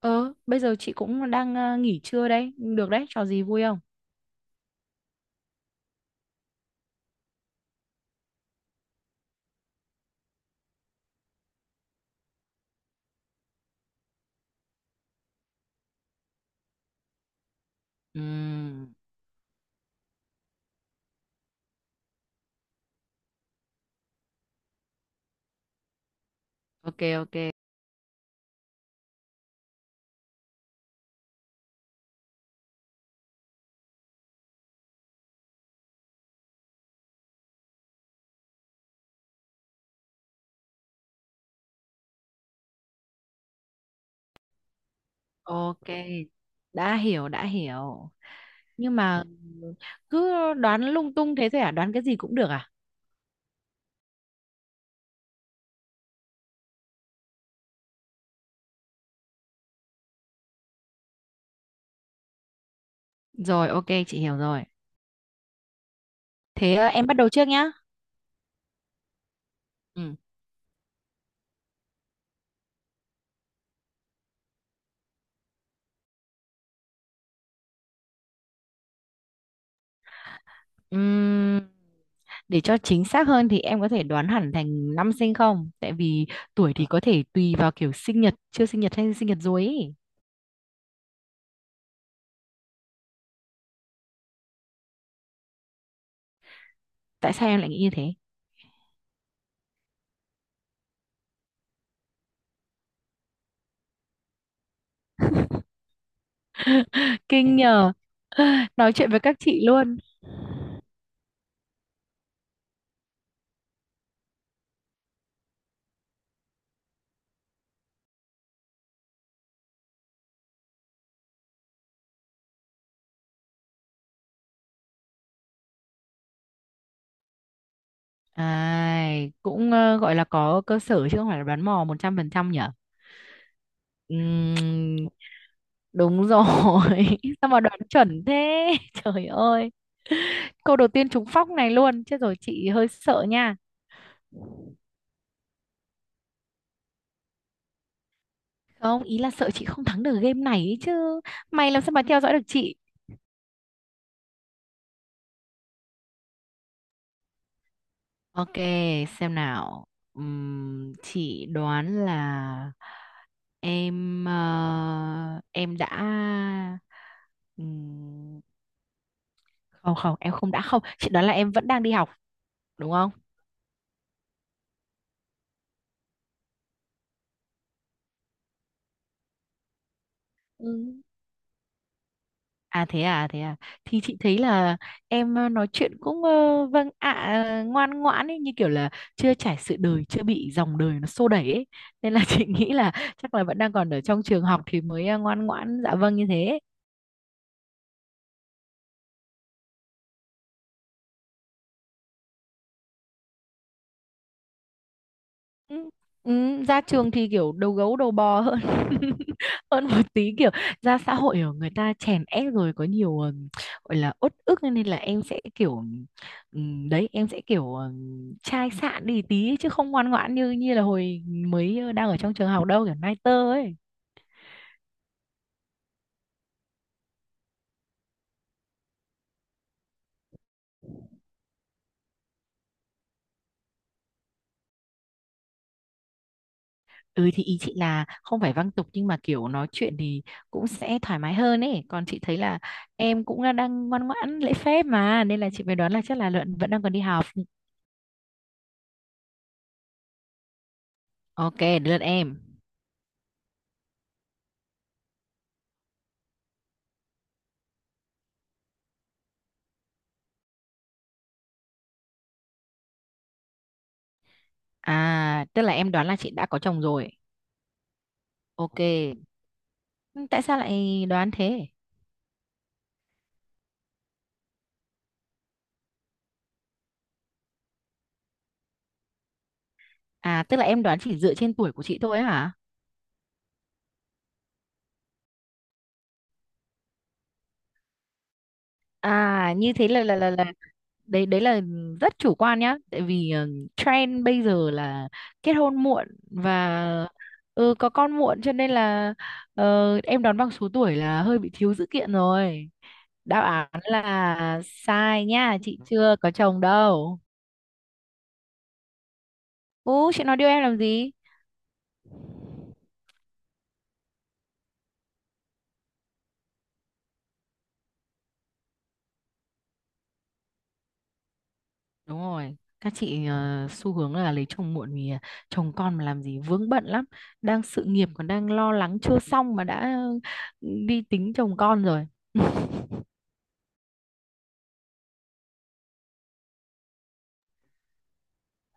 Ờ, Bây giờ chị cũng đang nghỉ trưa đấy. Được đấy, trò gì vui không? Ừm, ok, ok, ok. Đã hiểu, đã hiểu. Nhưng mà cứ đoán lung tung thế thôi à? Đoán cái gì cũng được à? Rồi, ok, chị hiểu rồi. Thế em bắt đầu trước nhá. Ừm, ừm, để cho chính xác hơn thì em có thể đoán hẳn thành năm sinh không, tại vì tuổi thì có thể tùy vào kiểu sinh nhật, chưa sinh nhật hay sinh nhật rồi ý. Tại sao em lại nghĩ như thế? Kinh nhờ. Nói chuyện với các chị luôn. À, cũng gọi là có cơ sở chứ không phải là đoán mò 100% nhỉ? Ừm, đúng rồi. Sao mà đoán chuẩn thế? Trời ơi. Câu đầu tiên trúng phóc này luôn. Chết rồi, chị hơi sợ nha. Không, ý là sợ chị không thắng được game này ấy chứ. Mày làm sao mà theo dõi được chị? Ok, xem nào. Chị đoán là em ờ, em đã ừm, không không em không đã không chị đoán là em vẫn đang đi học, đúng không? Ừ. À thế à, à, thế à. Thì chị thấy là em nói chuyện cũng vâng ạ, ngoan ngoãn ấy, như kiểu là chưa trải sự đời, chưa bị dòng đời nó xô đẩy ấy. Nên là chị nghĩ là chắc là vẫn đang còn ở trong trường học thì mới ngoan ngoãn dạ vâng như thế. Ừ, ừ, ra trường thì kiểu đầu gấu đầu bò hơn hơn một tí, kiểu ra xã hội ở người ta chèn ép rồi có nhiều gọi là uất ức, nên là em sẽ kiểu đấy em sẽ kiểu chai sạn đi tí ấy, chứ không ngoan ngoãn như như là hồi mới đang ở trong trường học đâu, kiểu nai tơ ấy. Ừ, thì ý chị là không phải văng tục, nhưng mà kiểu nói chuyện thì cũng sẽ thoải mái hơn ấy. Còn chị thấy là em cũng đang ngoan ngoãn lễ phép mà, nên là chị mới đoán là chắc là luận vẫn đang còn đi học. Ok, đến lượt em. À, tức là em đoán là chị đã có chồng rồi. Ok. Ừ, tại sao lại đoán thế? À, tức là em đoán chỉ dựa trên tuổi của chị thôi hả? À, như thế là đấy đấy là rất chủ quan nhá, tại vì trend bây giờ là kết hôn muộn và có con muộn, cho nên là em đoán bằng số tuổi là hơi bị thiếu dữ kiện rồi. Đáp án là sai nha, chị chưa có chồng đâu. Ú, chị nói điều em làm gì? Đúng rồi, các chị xu hướng là lấy chồng muộn vì chồng con mà làm gì vướng bận lắm, đang sự nghiệp còn đang lo lắng chưa xong mà đã đi tính chồng con rồi.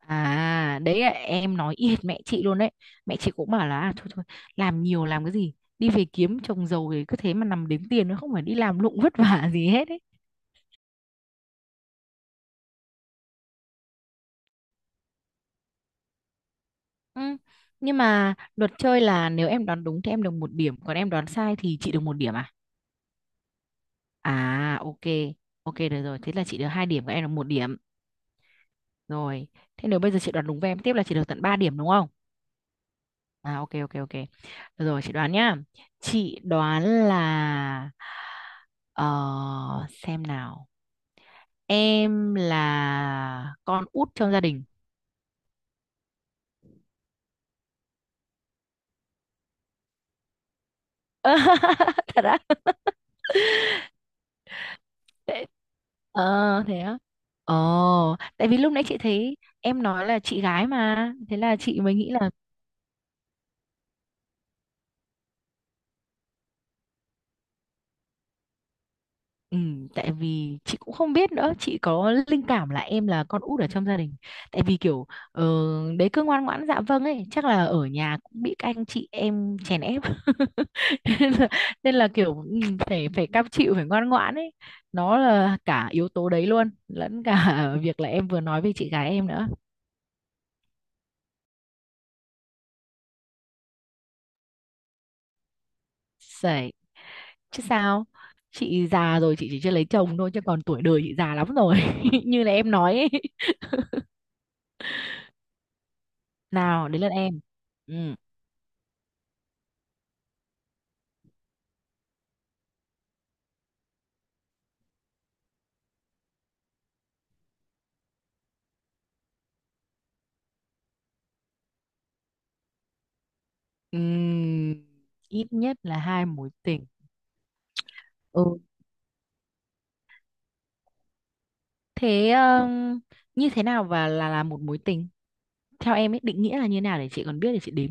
À, đấy là em nói y hệt mẹ chị luôn đấy. Mẹ chị cũng bảo là à, thôi thôi, làm nhiều làm cái gì, đi về kiếm chồng giàu thì cứ thế mà nằm đếm tiền, nó không phải đi làm lụng vất vả gì hết ấy. Ừ. Nhưng mà luật chơi là nếu em đoán đúng thì em được một điểm, còn em đoán sai thì chị được một điểm à? À ok, ok được rồi. Thế là chị được 2 điểm, các em là một điểm. Rồi, thế nếu bây giờ chị đoán đúng với em tiếp là chị được tận ba điểm, đúng không? À, ok, ok, ok. Được rồi, chị đoán nhá. Chị đoán là ờ, xem nào. Em là con út trong gia đình. Thật á? Thế- Ờ, thế á. Ờ, Tại vì lúc nãy chị thấy em nói là chị gái mà, thế là chị mới nghĩ. Ừ, tại vì chị cũng không biết nữa, chị có linh cảm là em là con út ở trong gia đình, tại vì kiểu ờ, đấy cứ ngoan ngoãn dạ vâng ấy, chắc là ở nhà cũng bị các anh chị em chèn ép nên là, nên là kiểu phải phải cam chịu, phải ngoan ngoãn ấy. Nó là cả yếu tố đấy luôn lẫn cả việc là em vừa nói về chị gái em nữa. Sẩy. Chứ sao, chị già rồi, chị chỉ chưa lấy chồng thôi chứ còn tuổi đời chị già lắm rồi, như là em nói ấy. Nào, đến lượt em. Ừ. Ừm, Ít nhất là hai mối tình. Ừ. Thế như thế nào và là một mối tình? Theo em ấy định nghĩa là như thế nào để chị còn biết để chị đếm.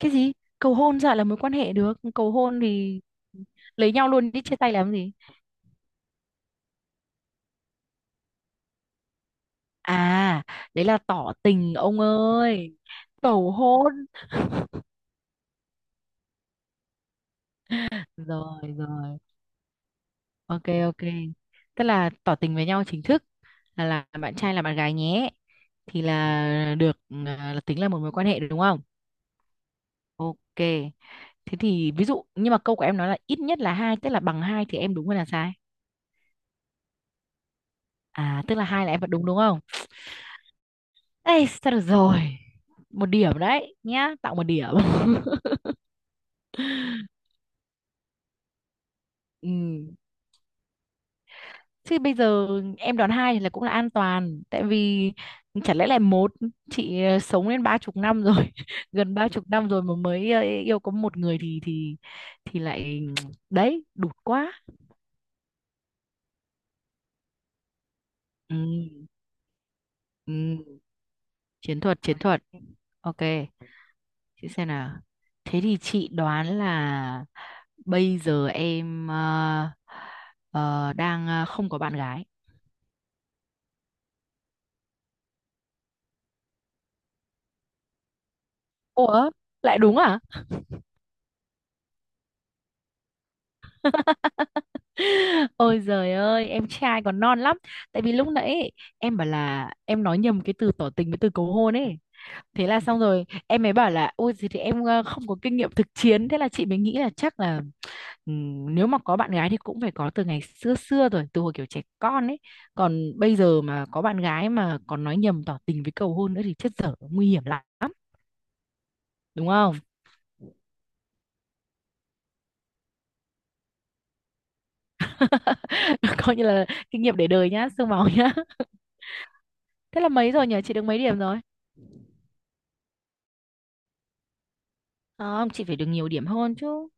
Cái gì? Cầu hôn sao lại là mối quan hệ được? Cầu hôn thì lấy nhau luôn đi, chia tay làm gì? À, đấy là tỏ tình ông ơi. Cầu hôn. Rồi, rồi. Ok, ok. Tức là tỏ tình với nhau chính thức là bạn trai, là bạn gái nhé. Thì là được, là tính là một mối quan hệ, đúng không? Ok. Thế thì ví dụ nhưng mà câu của em nói là ít nhất là hai, tức là bằng hai thì em đúng hay là sai? À, tức là hai là em vẫn đúng, đúng không? Ê, sao được rồi. Một điểm đấy nhá, tặng một điểm. Ừ. Chứ bây giờ em đoán hai là cũng là an toàn, tại vì chả lẽ là một chị sống đến 30 năm rồi, gần 30 năm rồi mà mới yêu có một người thì lại đấy, đụt quá. Ừ, ừ. Chiến thuật, chiến thuật. Ok. Chị xem nào. Thế thì chị đoán là bây giờ em đang không có bạn gái. Ủa, lại đúng à? Ôi giời ơi, em trai còn non lắm. Tại vì lúc nãy ấy, em bảo là em nói nhầm cái từ tỏ tình với từ cầu hôn ấy. Thế là xong rồi, em mới bảo là ôi gì thì em không có kinh nghiệm thực chiến, thế là chị mới nghĩ là chắc là. Nếu mà có bạn gái thì cũng phải có từ ngày xưa xưa rồi, từ hồi kiểu trẻ con ấy, còn bây giờ mà có bạn gái mà còn nói nhầm tỏ tình với cầu hôn nữa thì chết dở, nguy hiểm lắm. Đúng không? Coi như là kinh nghiệm để đời nhá, xương máu nhá. Thế là mấy rồi nhỉ, chị được mấy điểm rồi? Không, chị phải được nhiều điểm hơn chứ.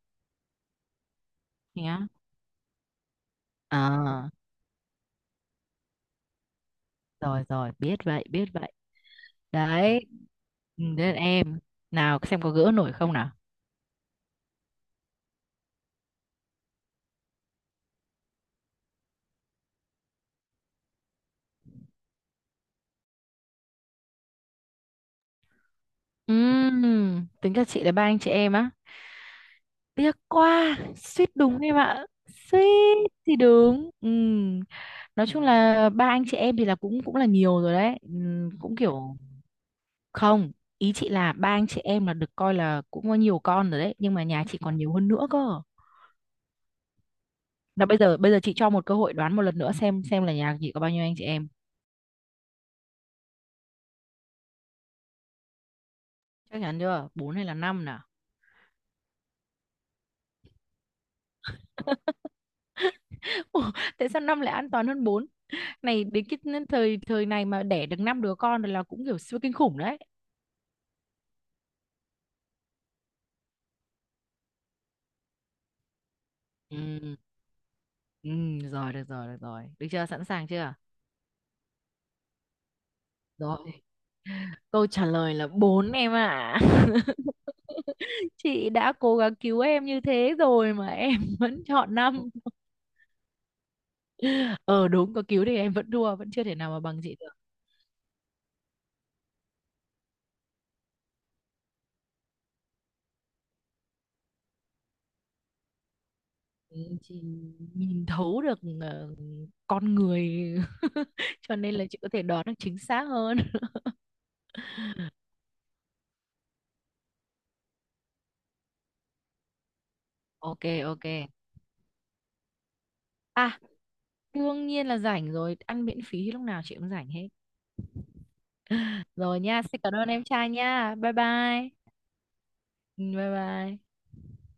Nhá. À rồi, rồi, biết vậy, biết vậy. Đấy. Ừ, thế là em. Nào, xem có gỡ nổi không nào. Tính cho chị là ba anh chị em á? Tiếc quá, suýt đúng em ạ. Suýt thì đúng. Ừ. Nói chung là ba anh chị em thì là cũng cũng là nhiều rồi đấy. Ừ, cũng kiểu không, ý chị là ba anh chị em là được coi là cũng có nhiều con rồi đấy, nhưng mà nhà chị còn nhiều hơn nữa cơ. Là bây giờ chị cho một cơ hội đoán một lần nữa, xem là nhà chị có bao nhiêu anh chị em. Chắc chắn chưa? Bốn hay là 5 nào? Ủa, tại sao 5 lại an toàn hơn bốn? Này, đến cái thời thời này mà đẻ được 5 đứa con rồi là cũng kiểu siêu kinh khủng đấy. Ừ. Ừ, được rồi, được rồi, được rồi. Được chưa? Sẵn sàng chưa? Rồi, câu trả lời là 4 em ạ. Chị đã cố gắng cứu em như thế rồi mà em vẫn chọn năm. Ờ đúng, có cứu thì em vẫn thua, vẫn chưa thể nào mà bằng chị được. Ừ, chị nhìn thấu được con người, cho nên là chị có thể đoán được chính xác hơn. Ok, ok. À, đương nhiên là rảnh rồi, ăn miễn phí lúc nào chị cũng rảnh hết. Rồi nha, xin cảm ơn em trai nha. Bye bye. Ừ, bye bye.